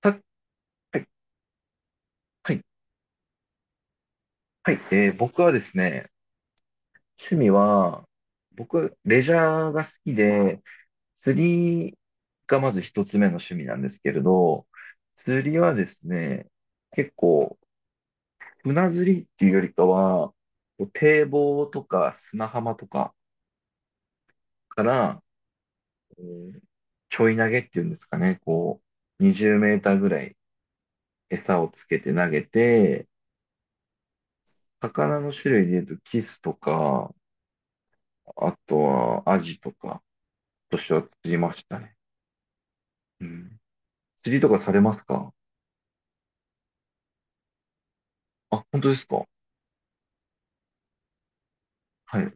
たはい、はい、はい。僕はですね、趣味は、僕、レジャーが好きで、釣りがまず一つ目の趣味なんですけれど、釣りはですね、結構、船釣りっていうよりかは、こう堤防とか砂浜とかから、えーちょい投げっていうんですかね、こう、20メーターぐらい餌をつけて投げて、魚の種類で言うとキスとか、あとはアジとか、としては釣りましたね。うん。釣りとかされますか？あ、本当ですか？はい。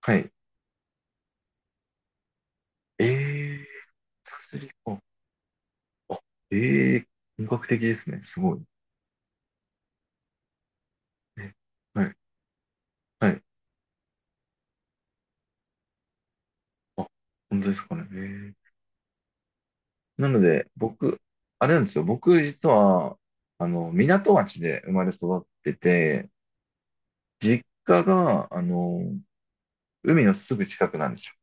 はい。ええー釣りか。あ、ええー本格的ですね。すごい。ね、はい。はい。あ、本当ですかね。ええ。なので、僕、あれなんですよ。僕、実は、港町で生まれ育ってて、実家が、海のすぐ近くなんですよ。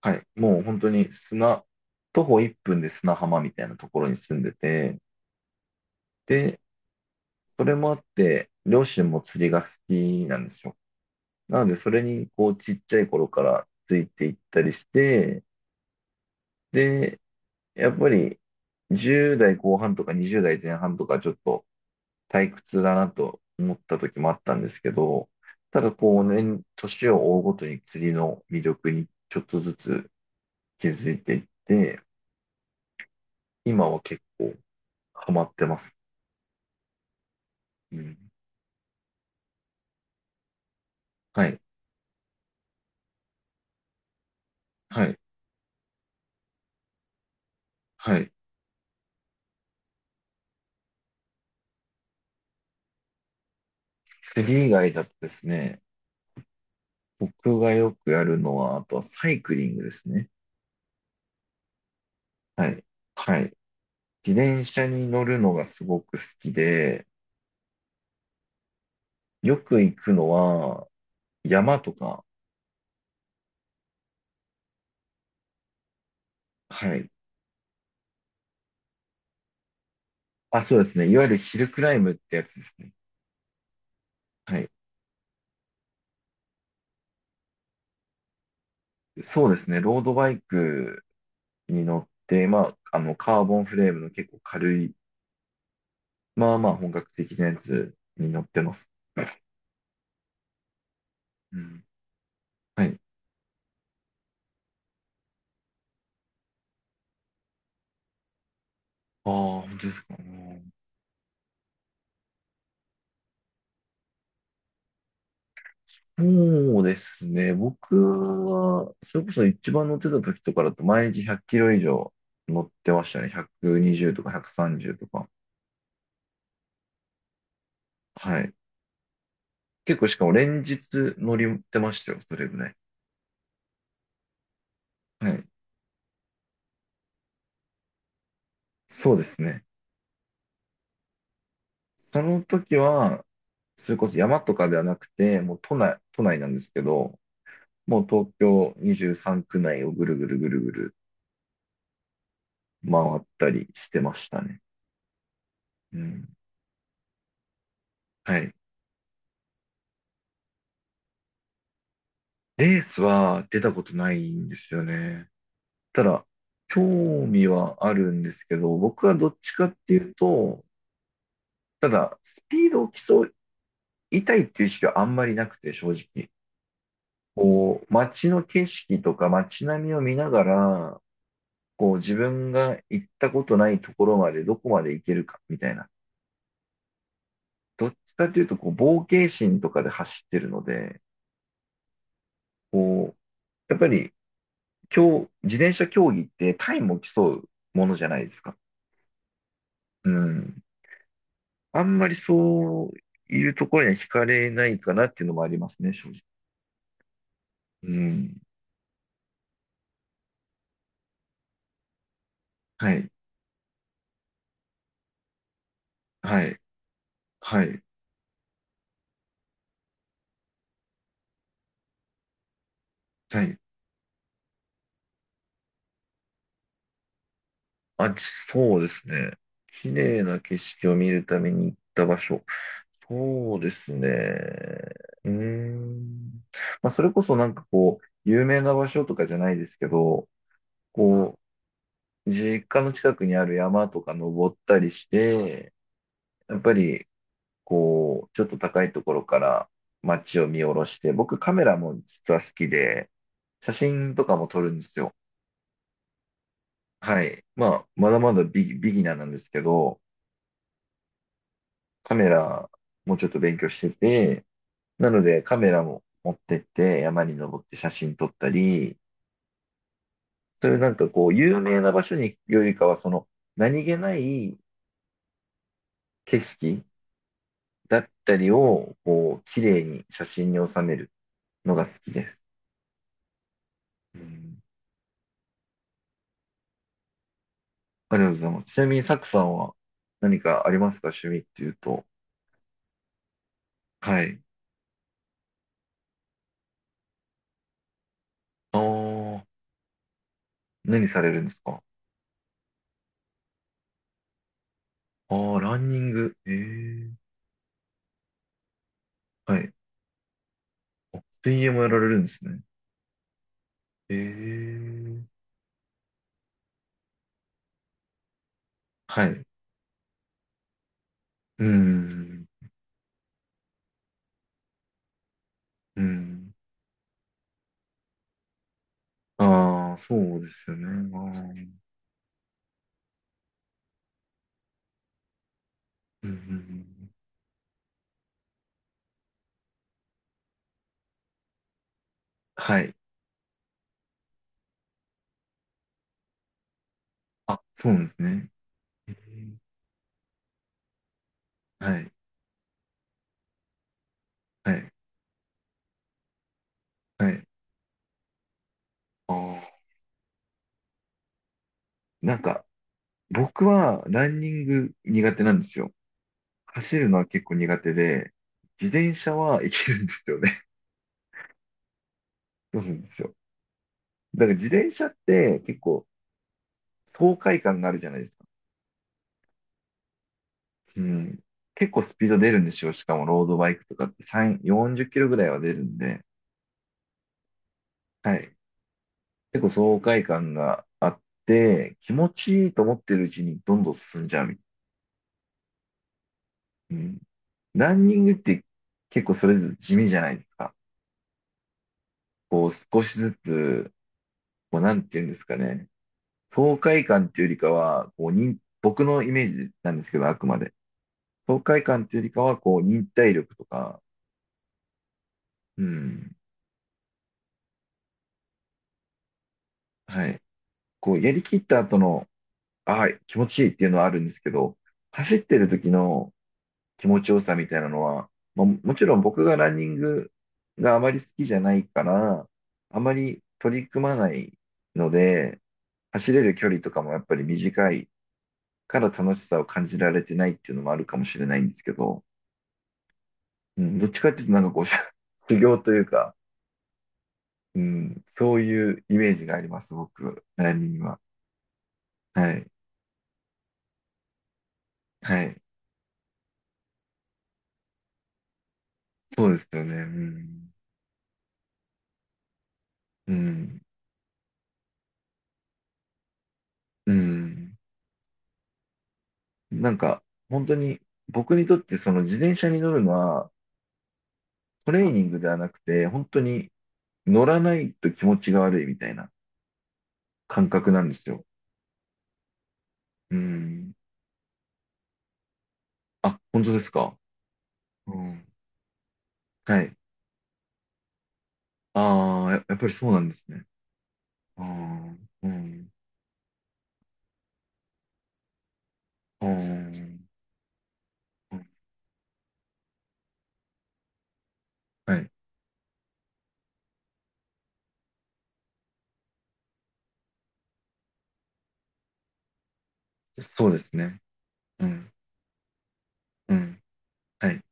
はい。もう本当に徒歩1分で砂浜みたいなところに住んでて、で、それもあって、両親も釣りが好きなんですよ。なので、それに、こう、ちっちゃい頃からついていったりして、で、やっぱり、10代後半とか20代前半とか、ちょっと退屈だなと思った時もあったんですけど、ただ、こう、年を追うごとに釣りの魅力にちょっとずつ気づいていって、今は結構ハマってます。うん。はい。はい。はい。釣り以外だとですね、僕がよくやるのは、あとはサイクリングですね。はい。はい。自転車に乗るのがすごく好きで、よく行くのは、山とか、はい。あ、そうですね。いわゆるヒルクライムってやつですね。はい。そうですね。ロードバイクに乗って、まあ、カーボンフレームの結構軽い、まあまあ本格的なやつに乗ってます。うん。はい。ああ、本当ですか？そうですね。僕は、それこそ一番乗ってた時とかだと、毎日100キロ以上乗ってましたね。120とか130とか。はい。結構しかも連日乗りってましたよ、それぐらい。はい。そうですね。その時は、それこそ山とかではなくて、もう都内なんですけど、もう東京23区内をぐるぐるぐるぐる回ったりしてましたね。うん。はい。レースは出たことないんですよね。ただ、興味はあるんですけど、僕はどっちかっていうと、ただ、スピードを競いたいっていう意識はあんまりなくて、正直。こう、街の景色とか街並みを見ながら、こう、自分が行ったことないところまでどこまで行けるか、みたいな。どっちかっていうと、こう、冒険心とかで走ってるので、こう、やっぱり、今日、自転車競技ってタイムを競うものじゃないですか。うん。あんまりそういうところには惹かれないかなっていうのもありますね、正直。うん。はい。はい。はい。はい。あ、そうですね。綺麗な景色を見るために行った場所。そうですね。うーん。まあ、それこそなんかこう、有名な場所とかじゃないですけど、こう、実家の近くにある山とか登ったりして、やっぱりこう、ちょっと高いところから街を見下ろして、僕カメラも実は好きで、写真とかも撮るんですよ。はい。まあ、まだまだビギナーなんですけど、カメラもちょっと勉強してて、なのでカメラも持ってって山に登って写真撮ったり、それなんかこう、有名な場所に行くよりかは、その何気ない景色だったりを、こう、綺麗に写真に収めるのが好きです。うん。ありがとうございます。ちなみに、サクさんは何かありますか、趣味っていうと。はい。ああ、何されるんですか？ああ、ランニング。ええ。はい。水泳もやられるんですね。ええ。はい。うん。うん。ああ、そうですよね。あー。うんうんうん、はい。あ、そうなんですね。えーはい。はい。はい。ああ、なんか、僕はランニング苦手なんですよ。走るのは結構苦手で、自転車はいけるんですよね。そうなんですよ。だから自転車って結構爽快感があるじゃないですか。うん。結構スピード出るんですよ。しかもロードバイクとかって3、40キロぐらいは出るんで。はい。結構爽快感があって、気持ちいいと思ってるうちにどんどん進んじゃうみたいな。うん。ランニングって結構それぞれ地味じゃないですか。こう少しずつ、こうなんていうんですかね。爽快感っていうよりかは、こう、僕のイメージなんですけど、あくまで。爽快感っていうよりかは、こう、忍耐力とか、うん、はい。こう、やりきった後の、ああ、気持ちいいっていうのはあるんですけど、走ってる時の気持ちよさみたいなのは、まあ、もちろん僕がランニングがあまり好きじゃないから、あまり取り組まないので、走れる距離とかもやっぱり短いから楽しさを感じられてないっていうのもあるかもしれないんですけど、うん、どっちかっていうとなんかこう、修行というか、うん、そういうイメージがあります、僕、ランニングは。はい。はい。そうですよね。うん。うん。うん。なんか、本当に、僕にとってその自転車に乗るのは、トレーニングではなくて、本当に乗らないと気持ちが悪いみたいな感覚なんですよ。うん。あ、本当ですか？うん。はい。ああ、やっぱりそうなんですね。ああ、うん。ああ、うん、はい。そうですね。うん。うん。はい。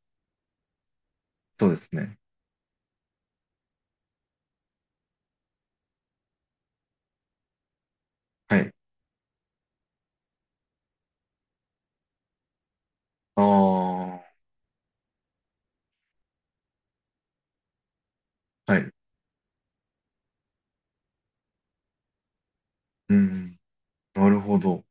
そうですね。はい。ああ、はい。うん。なるほど。